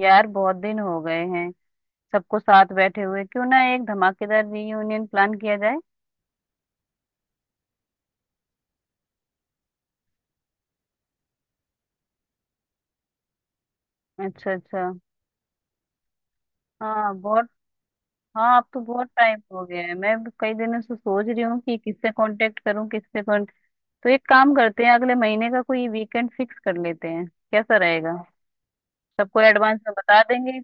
यार बहुत दिन हो गए हैं सबको साथ बैठे हुए। क्यों ना एक धमाकेदार रीयूनियन प्लान किया जाए। अच्छा अच्छा। हाँ बहुत। हाँ अब तो बहुत टाइम हो गया है, मैं भी कई दिनों से सोच रही हूँ कि किससे कांटेक्ट करूँ, किससे कौन। तो एक काम करते हैं, अगले महीने का कोई वीकेंड फिक्स कर लेते हैं। कैसा रहेगा? सबको एडवांस में बता देंगे।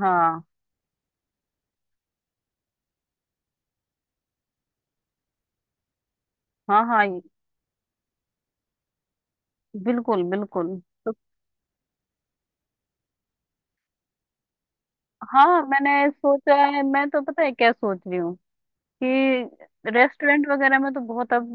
हाँ हाँ हाँ ये-। बिल्कुल बिल्कुल। तो हाँ मैंने सोचा है, मैं तो पता है क्या सोच रही हूँ कि रेस्टोरेंट वगैरह में तो बहुत अब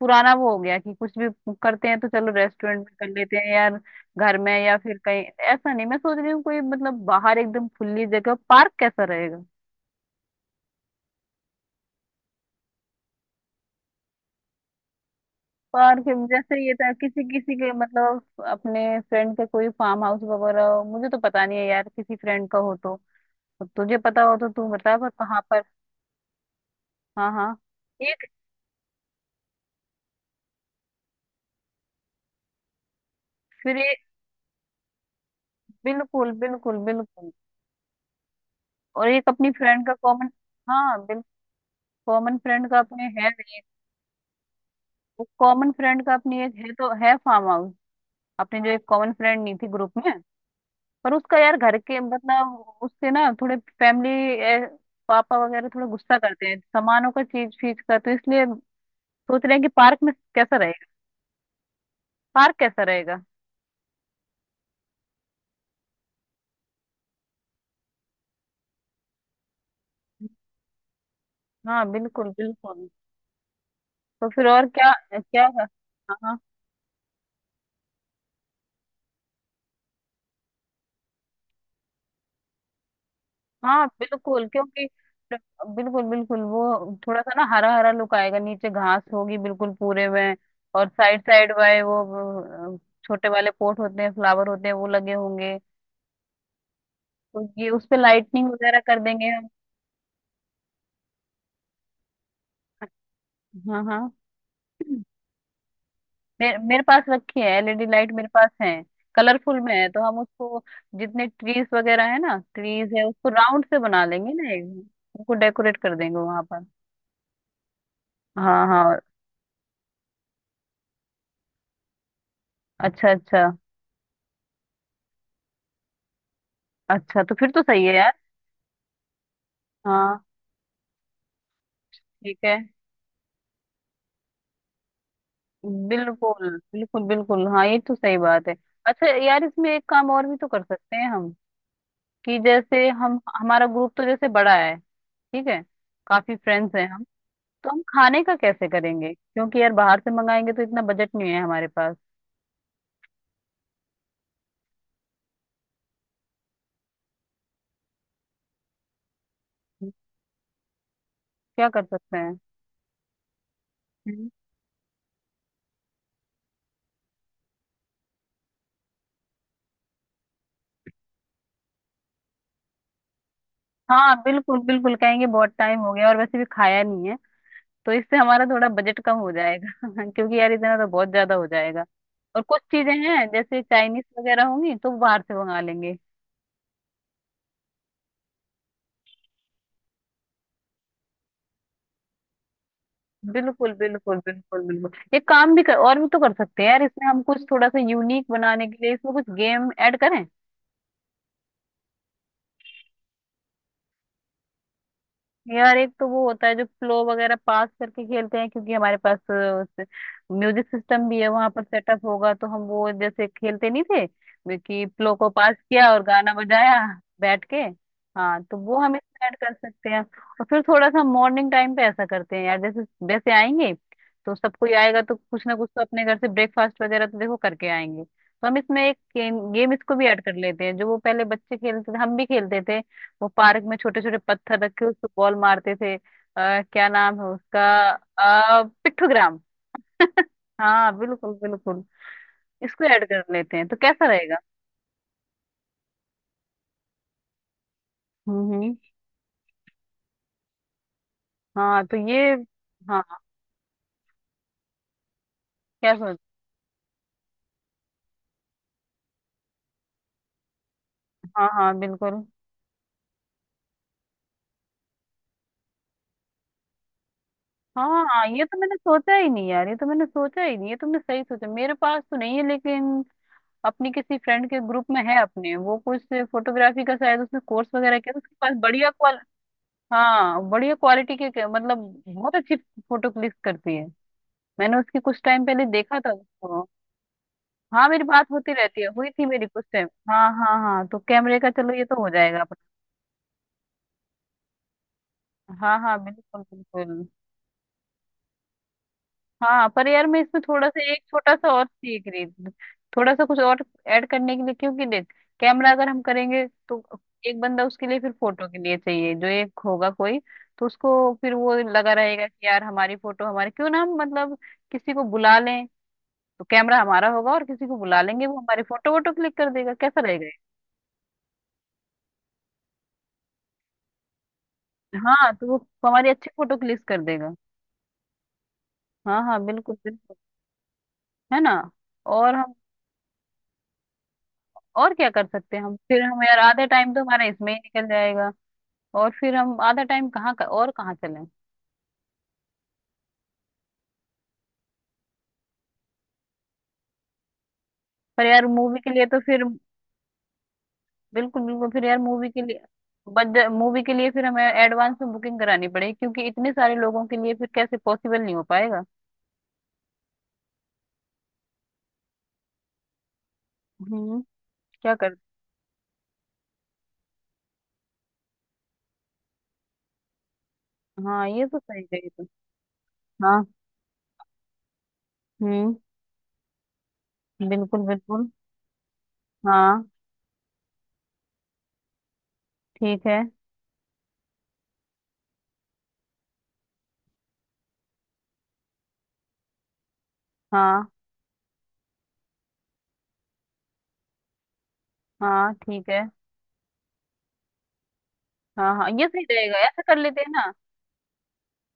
पुराना वो हो गया कि कुछ भी करते हैं तो चलो रेस्टोरेंट में कर लेते हैं यार, घर में या फिर कहीं ऐसा नहीं। मैं सोच रही हूँ कोई मतलब बाहर एकदम खुली जगह, पार्क कैसा रहेगा? पार्क जैसे ये था किसी किसी के मतलब अपने फ्रेंड के कोई फार्म हाउस वगैरह हो, मुझे तो पता नहीं है यार किसी फ्रेंड का हो तो। तो तुझे पता हो तो तू बता, पर कहाँ पर। हाँ हाँ एक। फिर एक बिल्कुल बिल्कुल बिल्कुल। और एक अपनी फ्रेंड का कॉमन। हाँ बिल्कुल। कॉमन फ्रेंड का अपने है नहीं। कॉमन फ्रेंड का अपनी एक है तो है फार्म हाउस। अपने जो एक कॉमन फ्रेंड नहीं थी ग्रुप में। पर उसका यार घर के मतलब उससे ना थोड़े फैमिली, पापा वगैरह थोड़ा गुस्सा करते हैं सामानों का चीज फीज का, तो इसलिए सोच रहे हैं कि पार्क में कैसा रहेगा। पार्क कैसा रहेगा? हाँ बिल्कुल बिल्कुल। तो फिर और क्या? क्या हाँ हाँ बिल्कुल क्योंकि बिल्कुल बिल्कुल वो थोड़ा सा ना हरा हरा लुक आएगा, नीचे घास होगी बिल्कुल पूरे में। और साइड साइड वाले वो छोटे वाले पॉट होते हैं फ्लावर होते हैं वो लगे होंगे। तो ये उस पे लाइटनिंग वगैरह कर देंगे हम। हाँ हाँ मेरे मेरे पास रखी है एलईडी लाइट, मेरे पास है। कलरफुल में है तो हम उसको जितने ट्रीज वगैरह है ना, ट्रीज है उसको राउंड से बना लेंगे ना एक। उनको डेकोरेट कर देंगे वहां पर। हाँ हाँ। अच्छा अच्छा। अच्छा तो फिर तो सही है यार। हाँ। ठीक है। बिल्कुल बिल्कुल बिल्कुल, हाँ ये तो सही बात है। अच्छा यार इसमें एक काम और भी तो कर सकते हैं हम कि जैसे हम हमारा ग्रुप तो जैसे बड़ा है। ठीक है। काफी फ्रेंड्स हैं हम। तो हम खाने का कैसे करेंगे? क्योंकि यार बाहर से मंगाएंगे तो इतना बजट नहीं है हमारे पास। क्या कर सकते हैं? हम्म। हाँ बिल्कुल बिल्कुल। कहेंगे बहुत टाइम हो गया और वैसे भी खाया नहीं है। तो इससे हमारा थोड़ा बजट कम हो जाएगा क्योंकि यार इतना तो बहुत ज्यादा हो जाएगा। और कुछ चीजें हैं जैसे चाइनीज वगैरह होंगी तो बाहर से मंगा लेंगे। बिल्कुल बिल्कुल बिल्कुल बिल्कुल। ये काम भी कर और भी तो कर सकते हैं यार इसमें हम कुछ। थोड़ा सा यूनिक बनाने के लिए इसमें कुछ गेम ऐड करें? यार एक तो वो होता है जो फ्लो वगैरह पास करके खेलते हैं। क्योंकि हमारे पास म्यूजिक सिस्टम भी है, वहां पर सेटअप होगा, तो हम वो जैसे खेलते नहीं थे कि फ्लो को पास किया और गाना बजाया, बैठ के। हाँ तो वो हम इसमें ऐड कर सकते हैं। और फिर थोड़ा सा मॉर्निंग टाइम पे ऐसा करते हैं यार जैसे वैसे आएंगे तो सबको ही आएगा तो कुछ ना कुछ तो अपने घर से ब्रेकफास्ट वगैरह तो देखो करके आएंगे, तो हम इसमें एक गेम इसको भी ऐड कर लेते हैं जो वो पहले बच्चे खेलते थे, हम भी खेलते थे। वो पार्क में छोटे छोटे पत्थर रखे उसको बॉल मारते थे। क्या नाम है उसका। पिट्ठूग्राम। हाँ बिल्कुल बिल्कुल। इसको ऐड कर लेते हैं तो कैसा रहेगा? हम्म हम्म। हाँ तो ये हाँ। क्या सोच? हाँ हाँ बिल्कुल। हाँ हाँ ये तो मैंने सोचा ही नहीं यार, ये तो मैंने सोचा ही नहीं। ये तुमने सही सोचा, मेरे पास तो नहीं है लेकिन अपनी किसी फ्रेंड के ग्रुप में है अपने वो कुछ फोटोग्राफी का शायद उसने कोर्स वगैरह किया, तो उसके पास बढ़िया। हाँ बढ़िया क्वालिटी के- मतलब बहुत अच्छी फोटो क्लिक करती है। मैंने उसकी कुछ टाइम पहले देखा था उसको। हाँ मेरी बात होती रहती है, हुई थी मेरी कुछ टाइम, हाँ हाँ हाँ। तो कैमरे का चलो ये तो हो जाएगा अपना। हाँ हाँ बिल्कुल बिल्कुल। हाँ पर यार मैं इसमें थोड़ा सा एक छोटा सा और सीख रही थी। थोड़ा सा कुछ और ऐड करने के लिए, क्योंकि देख कैमरा अगर हम करेंगे तो एक बंदा उसके लिए फिर फोटो के लिए चाहिए जो एक होगा कोई। तो उसको फिर वो लगा रहेगा कि यार हमारी फोटो हमारे, क्यों ना हम मतलब किसी को बुला लें। तो कैमरा हमारा होगा और किसी को बुला लेंगे, वो हमारी फोटो वोटो क्लिक कर देगा, कैसा रहेगा ये? हाँ तो वो हमारी अच्छी फोटो क्लिक कर देगा। हाँ हाँ बिल्कुल बिल्कुल। है ना? और हम और क्या कर सकते हैं हम? फिर हम यार आधा टाइम तो हमारा इसमें ही निकल जाएगा। और फिर हम आधा टाइम कहाँ का और कहाँ चलें? पर यार मूवी के लिए तो फिर बिल्कुल बिल्कुल। फिर यार मूवी के लिए बजट, मूवी के लिए फिर हमें एडवांस में बुकिंग करानी पड़ेगी क्योंकि इतने सारे लोगों के लिए फिर कैसे, पॉसिबल नहीं हो पाएगा। हम्म। क्या कर। हाँ ये तो सही कही तो। हाँ हम्म बिल्कुल बिल्कुल। हाँ ठीक है। हाँ हाँ ठीक है। हाँ हाँ ये सही रहेगा, ऐसा कर लेते हैं ना।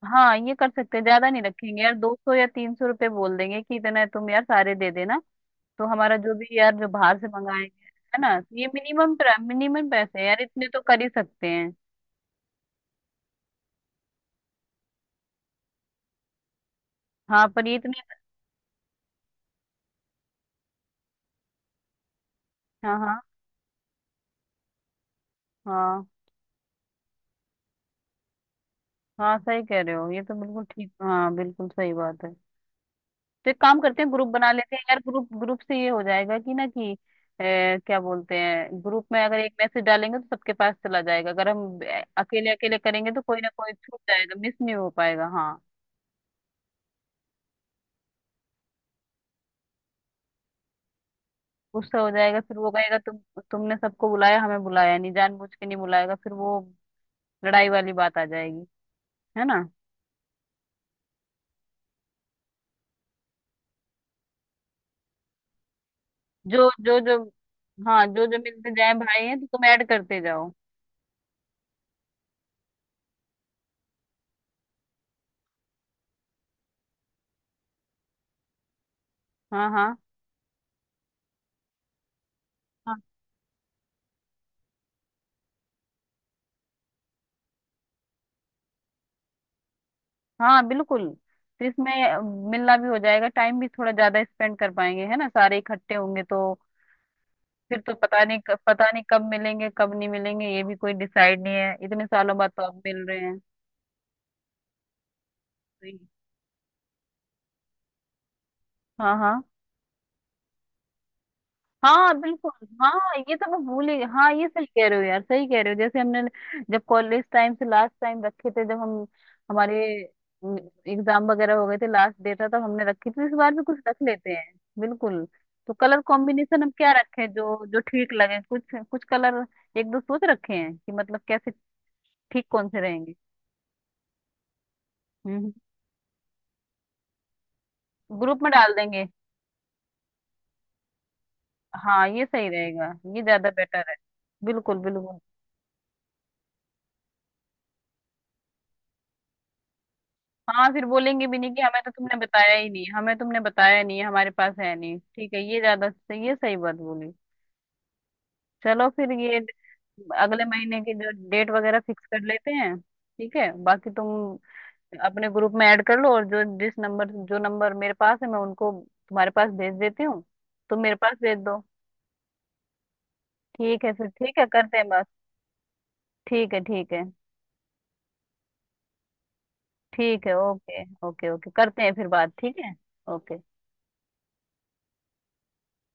हाँ ये कर सकते हैं, ज्यादा नहीं रखेंगे यार, दो सौ या तीन सौ रुपये बोल देंगे कि इतना है, तुम यार सारे दे देना। तो हमारा जो भी यार जो बाहर से मंगाएंगे, है ना? तो ये मिनिमम, मिनिमम पैसे हैं यार, इतने तो कर ही सकते हैं। हाँ पर ये इतने। हाँ हाँ हाँ, हाँ सही कह रहे हो, ये तो बिल्कुल ठीक। हाँ बिल्कुल सही बात है। तो एक काम करते हैं ग्रुप बना लेते हैं यार, ग्रुप ग्रुप से ये हो जाएगा कि ना कि क्या बोलते हैं ग्रुप में अगर एक मैसेज डालेंगे तो सबके पास चला जाएगा, अगर हम अकेले अकेले करेंगे तो कोई ना कोई छूट जाएगा, मिस नहीं हो पाएगा। हाँ गुस्सा हो जाएगा फिर वो कहेगा तुम, तुमने सबको बुलाया हमें बुलाया नहीं, जानबूझ के नहीं बुलाएगा फिर वो, लड़ाई वाली बात आ जाएगी। है ना? जो जो जो हाँ जो जो मिलते जाए भाई हैं तो तुम ऐड करते जाओ। हाँ हाँ हाँ बिल्कुल। फिर इसमें मिलना भी हो जाएगा, टाइम भी थोड़ा ज्यादा स्पेंड कर पाएंगे, है ना सारे इकट्ठे होंगे तो। फिर तो पता नहीं कब-, पता नहीं कब मिलेंगे कब नहीं मिलेंगे, ये भी कोई डिसाइड नहीं है। इतने सालों बाद तो अब मिल रहे हैं। सही। हाँ हाँ हाँ बिल्कुल। हाँ ये तो मैं भूल ही, हाँ ये सही कह रहे हो यार, सही कह रहे हो। जैसे हमने जब कॉलेज टाइम से लास्ट टाइम रखे थे, जब हम हमारे एग्जाम वगैरह हो गए थे, लास्ट डेट था, तब हमने रखी थी, इस बार भी कुछ रख लेते हैं। बिल्कुल। तो कलर कॉम्बिनेशन हम क्या रखें, जो जो ठीक लगे कुछ कुछ कलर। एक दो सोच रखे हैं कि मतलब कैसे, ठीक कौन से रहेंगे। हम्म हम्म। ग्रुप में डाल देंगे, हाँ ये सही रहेगा, ये ज्यादा बेटर है। बिल्कुल बिल्कुल। हाँ फिर बोलेंगे भी नहीं कि हमें तो तुमने बताया ही नहीं, हमें तुमने बताया नहीं, हमारे पास है नहीं। ठीक है ये ज्यादा सही, ये सही बात बोली। चलो फिर ये अगले महीने की जो डेट वगैरह फिक्स कर लेते हैं, ठीक है बाकी तुम अपने ग्रुप में ऐड कर लो, और जो जिस नंबर जो नंबर मेरे पास है मैं उनको तुम्हारे पास भेज देती हूँ, तुम मेरे पास भेज दो। ठीक है, फिर ठीक है करते हैं बात। ठीक है ठीक है ठीक है। ओके ओके ओके करते हैं फिर बात। ठीक है। ओके।